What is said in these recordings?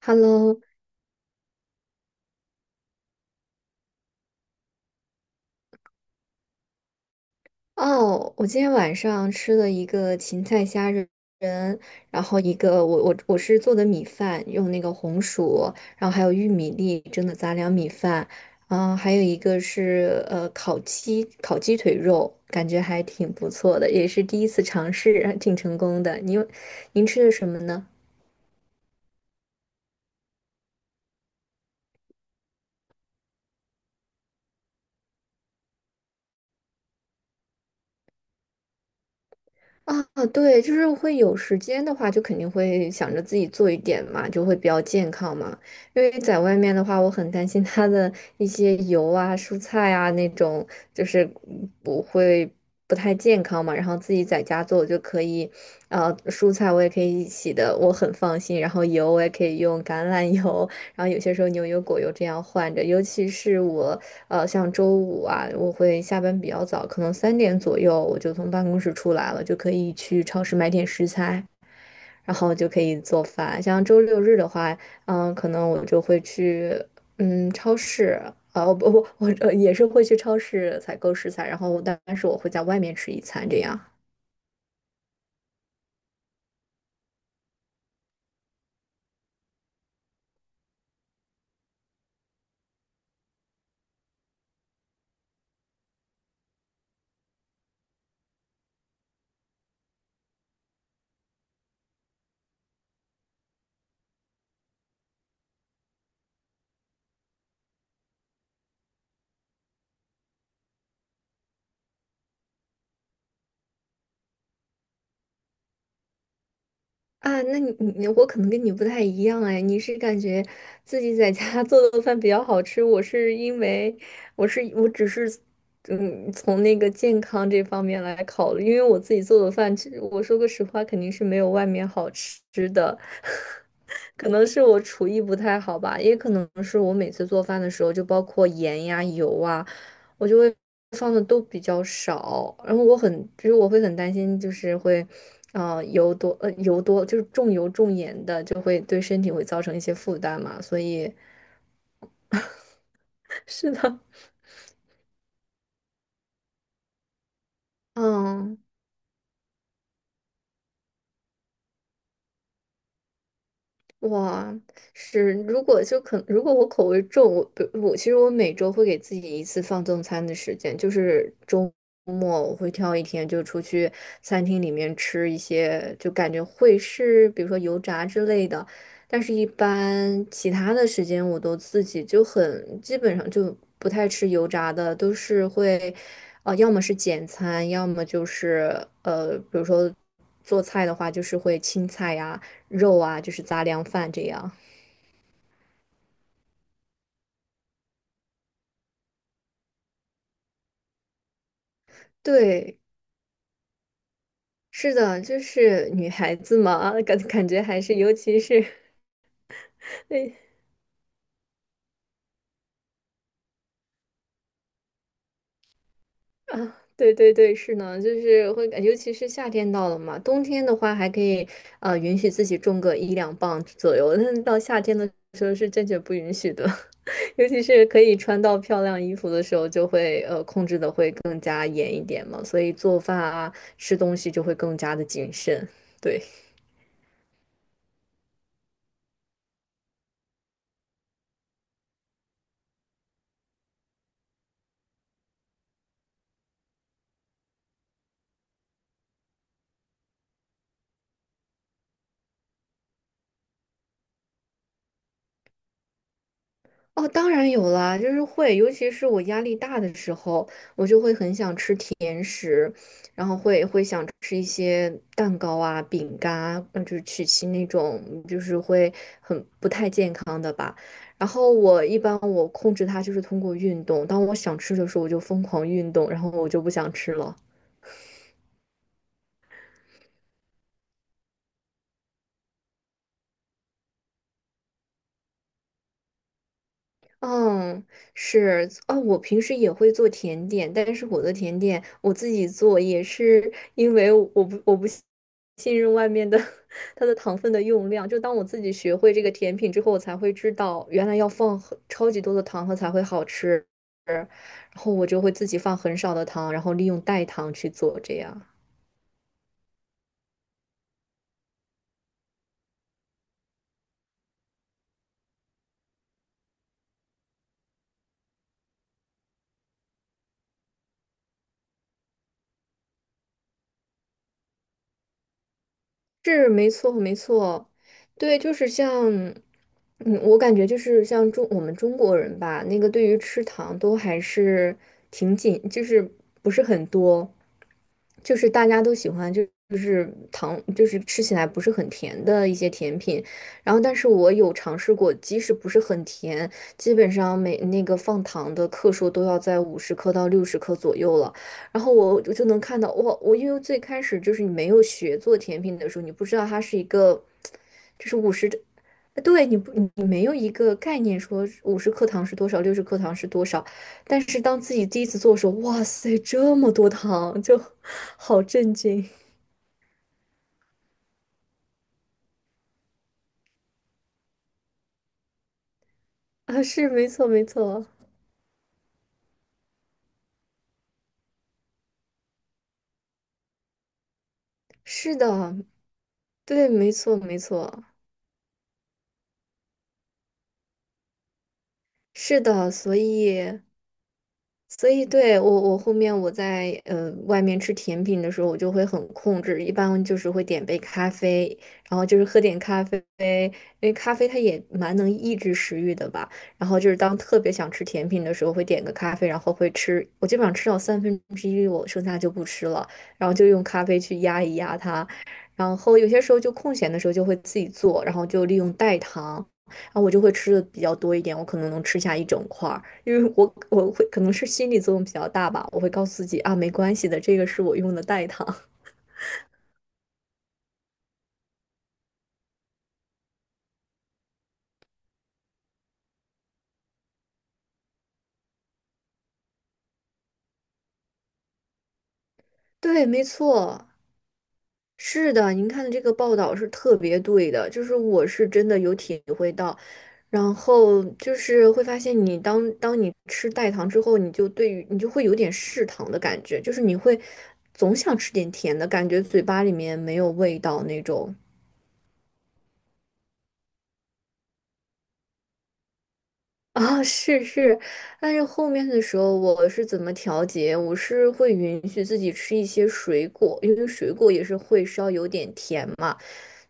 Hello，哦，我今天晚上吃了一个芹菜虾仁，然后一个我是做的米饭，用那个红薯，然后还有玉米粒蒸的杂粮米饭，还有一个是烤鸡腿肉，感觉还挺不错的，也是第一次尝试，还挺成功的。您吃的什么呢？啊，对，就是会有时间的话，就肯定会想着自己做一点嘛，就会比较健康嘛。因为在外面的话，我很担心它的一些油啊、蔬菜啊那种，就是不会不太健康嘛。然后自己在家做就可以，蔬菜我也可以洗的，我很放心。然后油我也可以用橄榄油，然后有些时候牛油果油这样换着，尤其是我像周五啊，我会下班比较早，可能3点左右我就从办公室出来了，就可以去超市买点食材，然后就可以做饭。像周六日的话，可能我就会去超市。啊，不不，我也是会去超市采购食材，然后但是我会在外面吃一餐这样。啊，那我可能跟你不太一样哎，你是感觉自己在家 做的饭比较好吃，我是因为我只是从那个健康这方面来考虑，因为我自己做的饭，其实我说个实话，肯定是没有外面好吃的，可能是我厨艺不太好吧，也可能是我每次做饭的时候，就包括盐呀、油啊。我就会放的都比较少，然后我很，就是我会很担心，就是会，啊油多就是重油重盐的，就会对身体会造成一些负担嘛，所以 是的，嗯。哇，是，如果就可，如果我口味重，我比如我其实我每周会给自己一次放纵餐的时间，就是周末我会挑一天就出去餐厅里面吃一些，就感觉会是比如说油炸之类的，但是一般其他的时间我都自己就很基本上就不太吃油炸的，都是会，要么是简餐，要么就是比如说做菜的话就是会青菜呀。肉啊，就是杂粮饭这样。对，是的，就是女孩子嘛，感觉还是，尤其是，哎啊，对对对，是呢，就是会感，尤其是夏天到了嘛，冬天的话还可以，允许自己种个一两磅左右，但是到夏天的时候是坚决不允许的，尤其是可以穿到漂亮衣服的时候，就会控制的会更加严一点嘛，所以做饭啊，吃东西就会更加的谨慎，对。哦，当然有啦，就是会，尤其是我压力大的时候，我就会很想吃甜食，然后会想吃一些蛋糕啊、饼干啊，就是曲奇那种，就是会很不太健康的吧。然后我一般我控制它就是通过运动，当我想吃的时候，我就疯狂运动，然后我就不想吃了。嗯，是哦，我平时也会做甜点，但是我的甜点我自己做，也是因为我不我不信信任外面的 它的糖分的用量。就当我自己学会这个甜品之后，我才会知道原来要放很超级多的糖它才会好吃，然后我就会自己放很少的糖，然后利用代糖去做这样。是没错，没错，对，就是像，我感觉就是像我们中国人吧，那个对于吃糖都还是挺紧，就是不是很多。就是大家都喜欢，就是糖，就是吃起来不是很甜的一些甜品。然后，但是我有尝试过，即使不是很甜，基本上每那个放糖的克数都要在五十克到六十克左右了。然后我就能看到，哇，我因为最开始就是你没有学做甜品的时候，你不知道它是一个，就是五十。对，你没有一个概念说五十克糖是多少，六十克糖是多少，但是当自己第一次做的时候，哇塞，这么多糖，就好震惊啊！是，没错，没错，是的，对，没错，没错，是的，所以。所以对我，我后面我在外面吃甜品的时候，我就会很控制，一般就是会点杯咖啡，然后就是喝点咖啡，因为咖啡它也蛮能抑制食欲的吧。然后就是当特别想吃甜品的时候，会点个咖啡，然后会吃，我基本上吃到1/3，我剩下就不吃了，然后就用咖啡去压一压它。然后有些时候就空闲的时候就会自己做，然后就利用代糖。啊，我就会吃的比较多一点，我可能能吃下一整块儿，因为我会可能是心理作用比较大吧，我会告诉自己啊，没关系的，这个是我用的代糖。对，没错，是的，您看的这个报道是特别对的，就是我是真的有体会到，然后就是会发现你当你吃代糖之后，你就对于你就会有点嗜糖的感觉，就是你会总想吃点甜的感觉，嘴巴里面没有味道那种。啊、是是，但是后面的时候我是怎么调节？我是会允许自己吃一些水果，因为水果也是会稍有点甜嘛。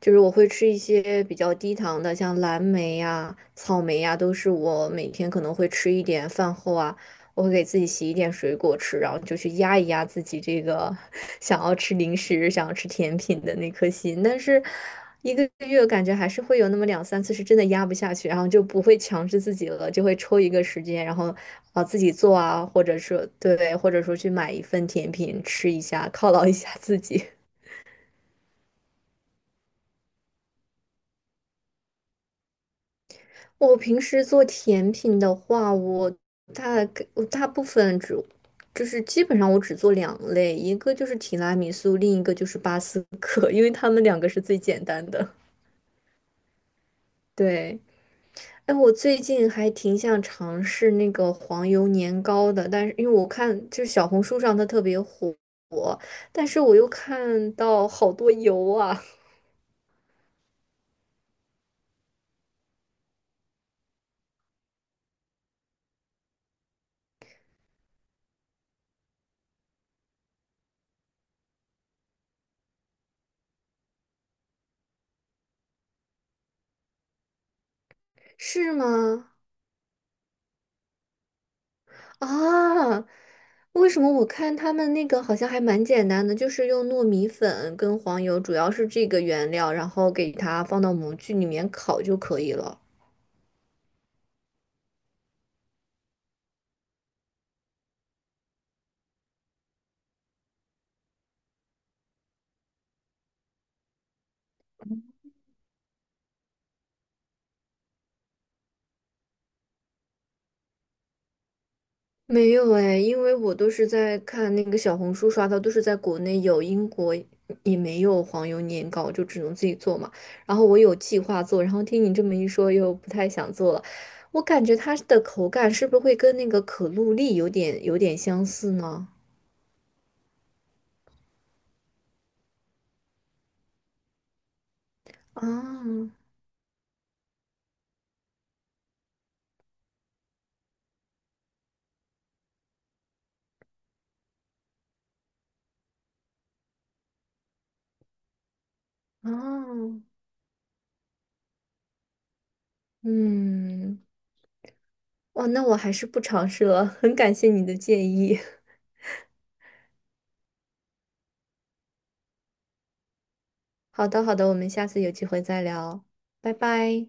就是我会吃一些比较低糖的，像蓝莓呀、草莓呀，都是我每天可能会吃一点。饭后啊，我会给自己洗一点水果吃，然后就去压一压自己这个 想要吃零食、想要吃甜品的那颗心。但是一个月感觉还是会有那么两三次是真的压不下去，然后就不会强制自己了，就会抽一个时间，然后啊、自己做啊，或者说对，或者说去买一份甜品吃一下，犒劳一下自己。我平时做甜品的话，我大部分只就是基本上我只做2类，一个就是提拉米苏，另一个就是巴斯克，因为他们2个是最简单的。对，哎，我最近还挺想尝试那个黄油年糕的，但是因为我看就是小红书上它特别火，但是我又看到好多油啊，是吗？啊，为什么我看他们那个好像还蛮简单的，就是用糯米粉跟黄油，主要是这个原料，然后给它放到模具里面烤就可以了。没有哎，因为我都是在看那个小红书刷到，都是在国内有，英国也没有黄油年糕，就只能自己做嘛。然后我有计划做，然后听你这么一说，又不太想做了。我感觉它的口感是不是会跟那个可露丽有点相似呢？啊啊！嗯，哇，那我还是不尝试了，很感谢你的建议。好的，好的，我们下次有机会再聊，拜拜。